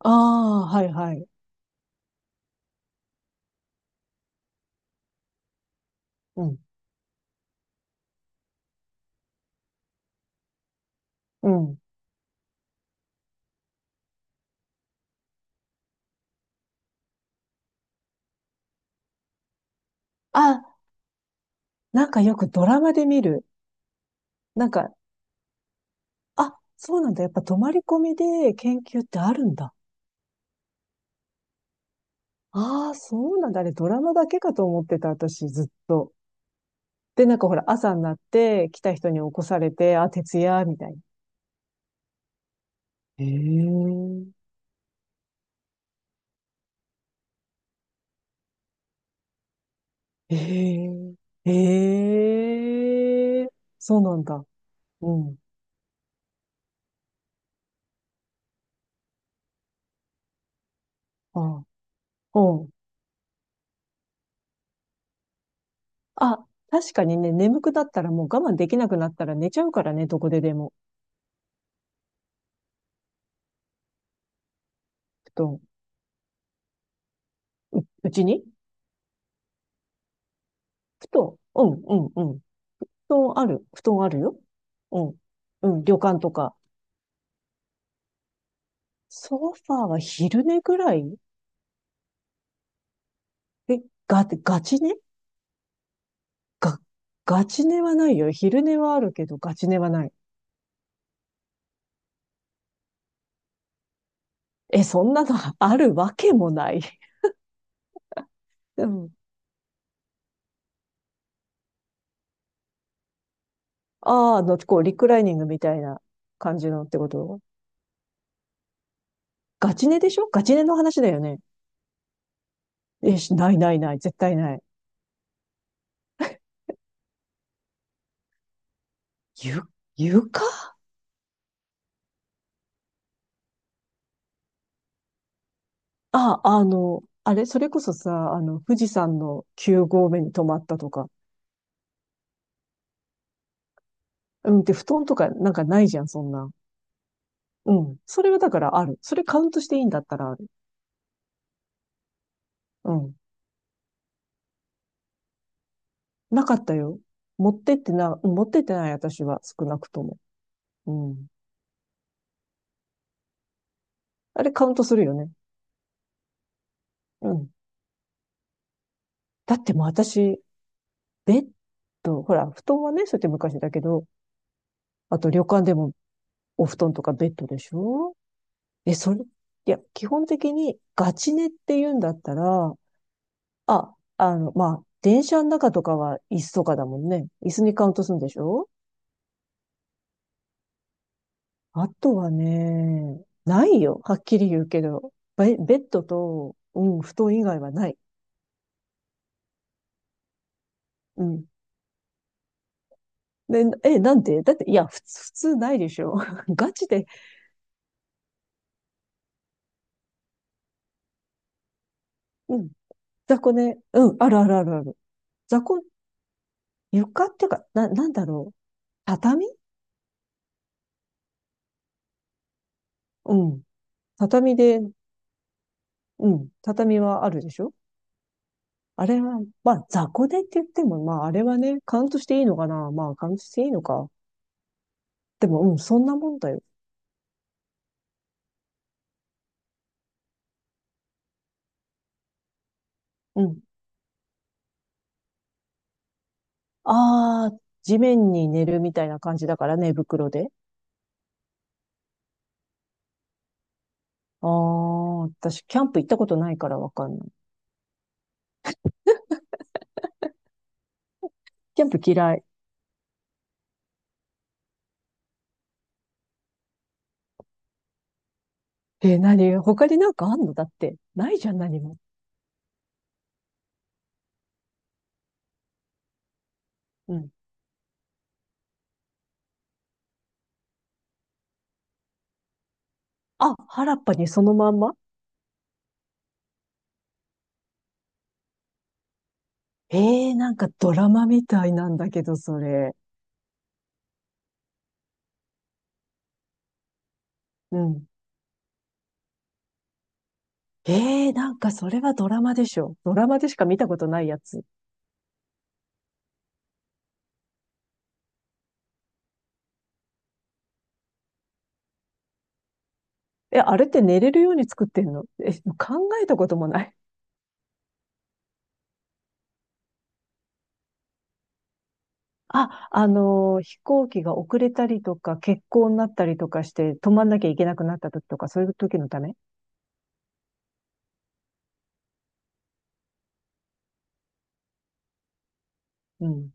ああ、はいはい。うん、うん。あ、なんかよくドラマで見る。なんか、あ、そうなんだ。やっぱ泊まり込みで研究ってあるんだ。ああ、そうなんだ。あれドラマだけかと思ってた、私ずっと。で、なんかほら、朝になって来た人に起こされて、あ、徹夜、みたいな。ええ、ええ、ええ、そうなんだ。うん。あ、うん。あ、確かにね、眠くなったらもう我慢できなくなったら寝ちゃうからね、どこででも。布団。うちに布団、うん、うん、うん。布団ある、布団あるよ。うん、うん、旅館とか。ソファーは昼寝ぐらい。え、が、ガチ寝が、ガチ寝はないよ。昼寝はあるけど、ガチ寝はない。え、そんなの あるわけもない。うん。ああ、こう、リクライニングみたいな感じのってこと？ガチ寝でしょ？ガチ寝の話だよね。え、しないないない、絶対ない。ゆ、床あ、あの、あれ、それこそさ、富士山の9合目に泊まったとか。うん、で、布団とかなんかないじゃん、そんな。うん。それはだからある。それカウントしていいんだったらある。うん。なかったよ。持ってってな、うん、持ってってない、私は少なくとも。うん。あれカウントするよね。うん。だってもう私、ベッド、ほら、布団はね、そうやって昔だけど、あと旅館でもお布団とかベッドでしょ？え、いや、基本的にガチ寝って言うんだったら、あ、まあ、電車の中とかは椅子とかだもんね。椅子にカウントするんでしょ？あとはね、ないよ。はっきり言うけど。ベッドと、うん、布団以外はない。うん。で、なんでだって、いや、普通、普通ないでしょ。ガチで、うん、雑魚ね。うん、あるあるあるある。雑魚、床っていうか、なんだろう。畳。うん。畳で、うん、畳はあるでしょ？あれは、まあ、雑魚寝って言っても、まあ、あれはね、カウントしていいのかな。まあ、カウントしていいのか。でも、うん、そんなもんだよ。うん。ああ、地面に寝るみたいな感じだからね、寝袋で。ああ、私、キャンプ行ったことないからわかんない。キャンプ嫌い。何、他になんかあんの？だって、ないじゃん、何も。うん。あ、原っぱにそのまんま？えなんかドラマみたいなんだけど、それ。うん。なんかそれはドラマでしょ。ドラマでしか見たことないやつ。え、あれって寝れるように作ってんの？え、考えたこともない。あ、飛行機が遅れたりとか、欠航になったりとかして、止まんなきゃいけなくなった時とか、そういう時のため。うん。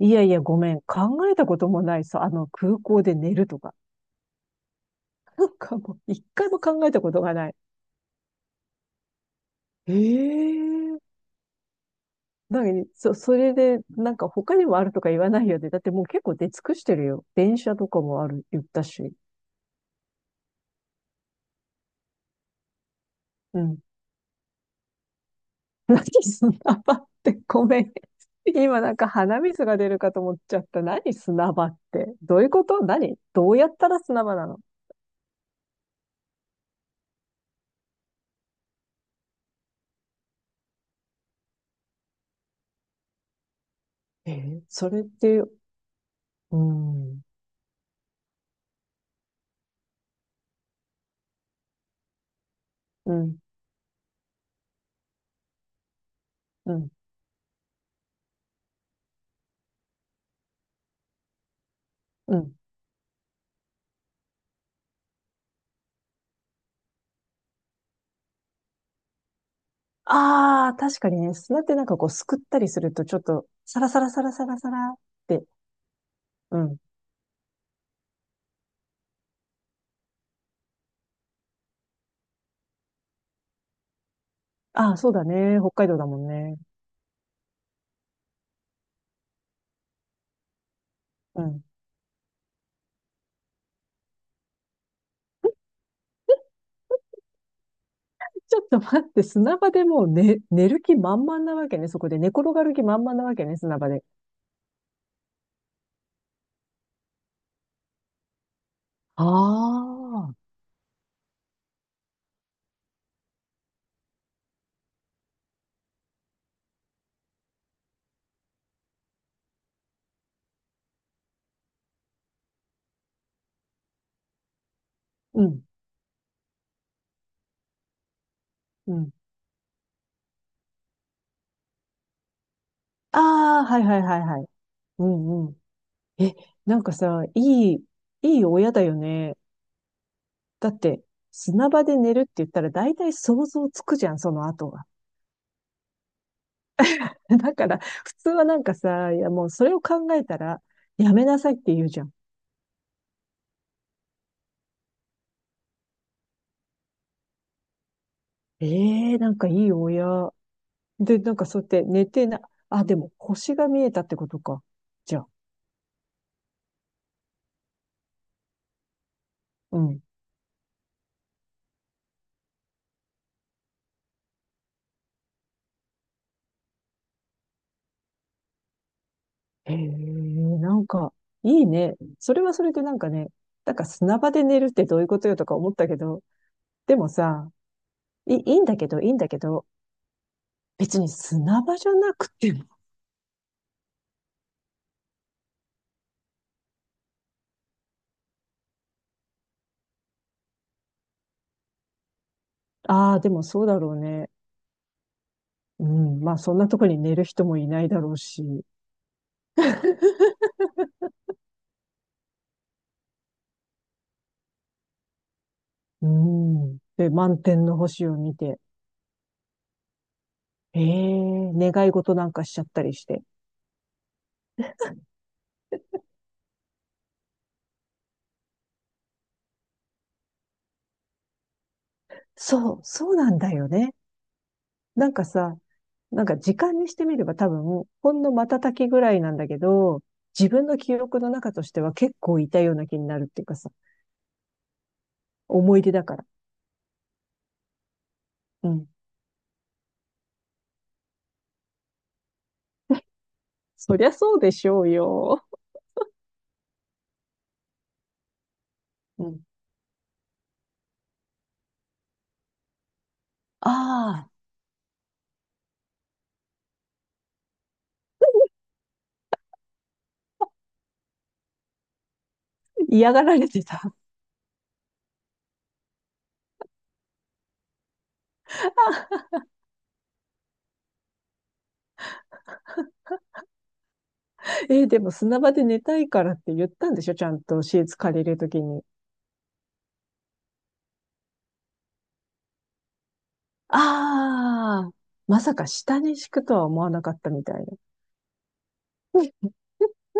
いやいや、ごめん。考えたこともないさ。空港で寝るとか。なんかもう、一回も考えたことがない。ええー、なに、そ、それで、なんか他にもあるとか言わないよね。だってもう結構出尽くしてるよ。電車とかもある、言ったし。うん。何、砂場って？ ごめん。今なんか鼻水が出るかと思っちゃった。何、砂場って。どういうこと？何？どうやったら砂場なの？それって、うーん、うん、うん、うん。ああ、確かにね、砂ってなんかこうすくったりするとちょっと、サラサラサラサラサラって、うん。ああ、そうだね。北海道だもんね。うん。ちょっと待って、砂場でもう寝る気満々なわけね。そこで寝転がる気満々なわけね、砂場で。ああ、うん。うん。ああ、はいはいはいはい。うんうん。え、なんかさ、いい親だよね。だって、砂場で寝るって言ったら大体想像つくじゃん、その後が。だから、普通はなんかさ、いやもうそれを考えたら、やめなさいって言うじゃん。ええ、なんかいい親。で、なんかそうやって寝てな、あ、でも星が見えたってことか。じゃあ。うん。へえ、なんか、いいね。それはそれでなんかね、なんか砂場で寝るってどういうことよとか思ったけど、でもさ、いいんだけど、いいんだけど、別に砂場じゃなくても。ああ、でもそうだろうね。うん。まあ、そんなとこに寝る人もいないだろうし。うん。で、満天の星を見て、ええ、願い事なんかしちゃったりして。そう、そうなんだよね。なんかさ、なんか時間にしてみれば多分、ほんの瞬きぐらいなんだけど、自分の記憶の中としては結構いたような気になるっていうかさ、思い出だから。うん。そりゃそうでしょうよ。うん。ああ、嫌がられてた。でも砂場で寝たいからって言ったんでしょ？ちゃんとシーツ借りるときに。ああ、まさか下に敷くとは思わなかったみたいな。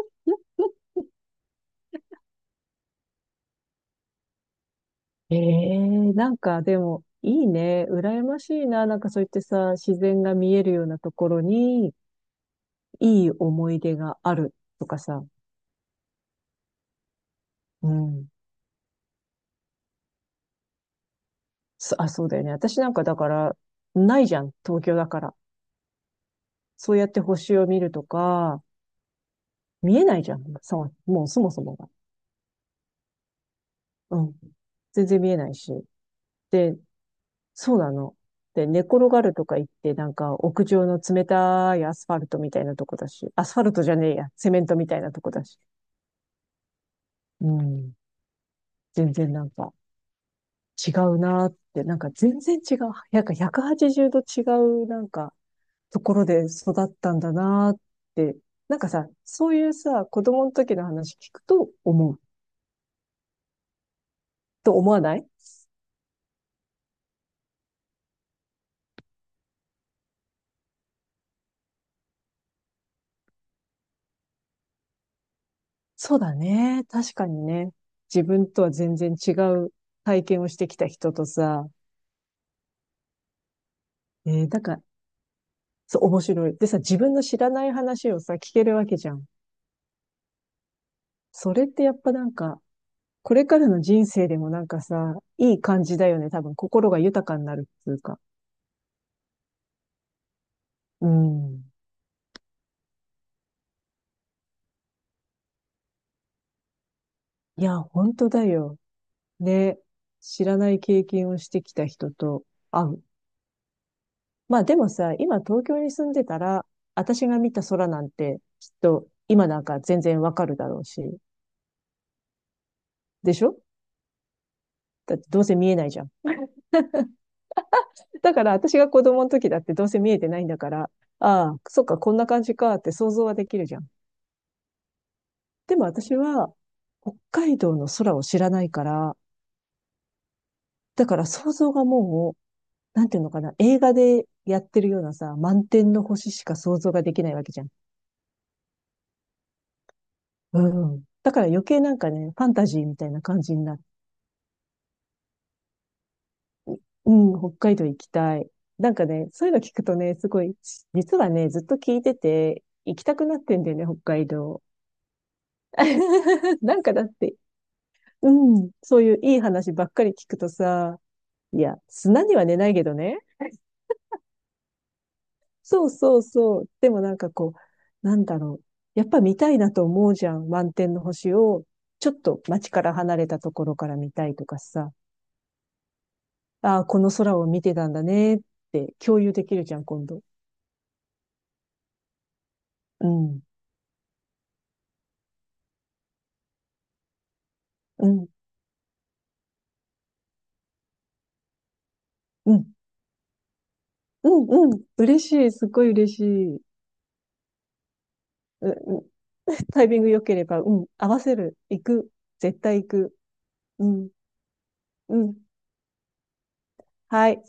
ええ、なんかでも、いいね。羨ましいな。なんかそう言ってさ、自然が見えるようなところに、いい思い出があるとかさ。うん。そうだよね。私なんかだから、ないじゃん。東京だから。そうやって星を見るとか、見えないじゃん。そう、もうそもそもが。うん。全然見えないし。で、そうなの。で、寝転がるとか言って、なんか屋上の冷たいアスファルトみたいなとこだし、アスファルトじゃねえや、セメントみたいなとこだし。うん。全然なんか違うなーって、なんか全然違う。なんか180度違うなんかところで育ったんだなーって。なんかさ、そういうさ、子供の時の話聞くと思う。と思わない？そうだね。確かにね。自分とは全然違う体験をしてきた人とさ、えー、なんから、そう、面白い。でさ、自分の知らない話をさ、聞けるわけじゃん。それってやっぱなんか、これからの人生でもなんかさ、いい感じだよね。多分、心が豊かになるっていうか。うん。いや、本当だよ。ね。知らない経験をしてきた人と会う。まあでもさ、今東京に住んでたら、私が見た空なんて、きっと今なんか全然わかるだろうし、でしょ？だってどうせ見えないじゃん。だから私が子供の時だってどうせ見えてないんだから、ああ、そっか、こんな感じかって想像はできるじゃん。でも私は、北海道の空を知らないから、だから想像がもう、なんていうのかな、映画でやってるようなさ、満天の星しか想像ができないわけじゃん。うん。だから余計なんかね、ファンタジーみたいな感じになる。うん、北海道行きたい。なんかね、そういうの聞くとね、すごい、実はね、ずっと聞いてて、行きたくなってんだよね、北海道。なんかだって、うん、そういういい話ばっかり聞くとさ、いや、砂には寝ないけどね。そうそうそう。でもなんかこう、なんだろう。やっぱ見たいなと思うじゃん。満天の星を、ちょっと街から離れたところから見たいとかさ。ああ、この空を見てたんだねって共有できるじゃん、今度。うん、うん、うん。うんうん。嬉しい。すっごい嬉しい。う、うん。タイミング良ければ、うん。合わせる。行く。絶対行く。うん。うん。はい。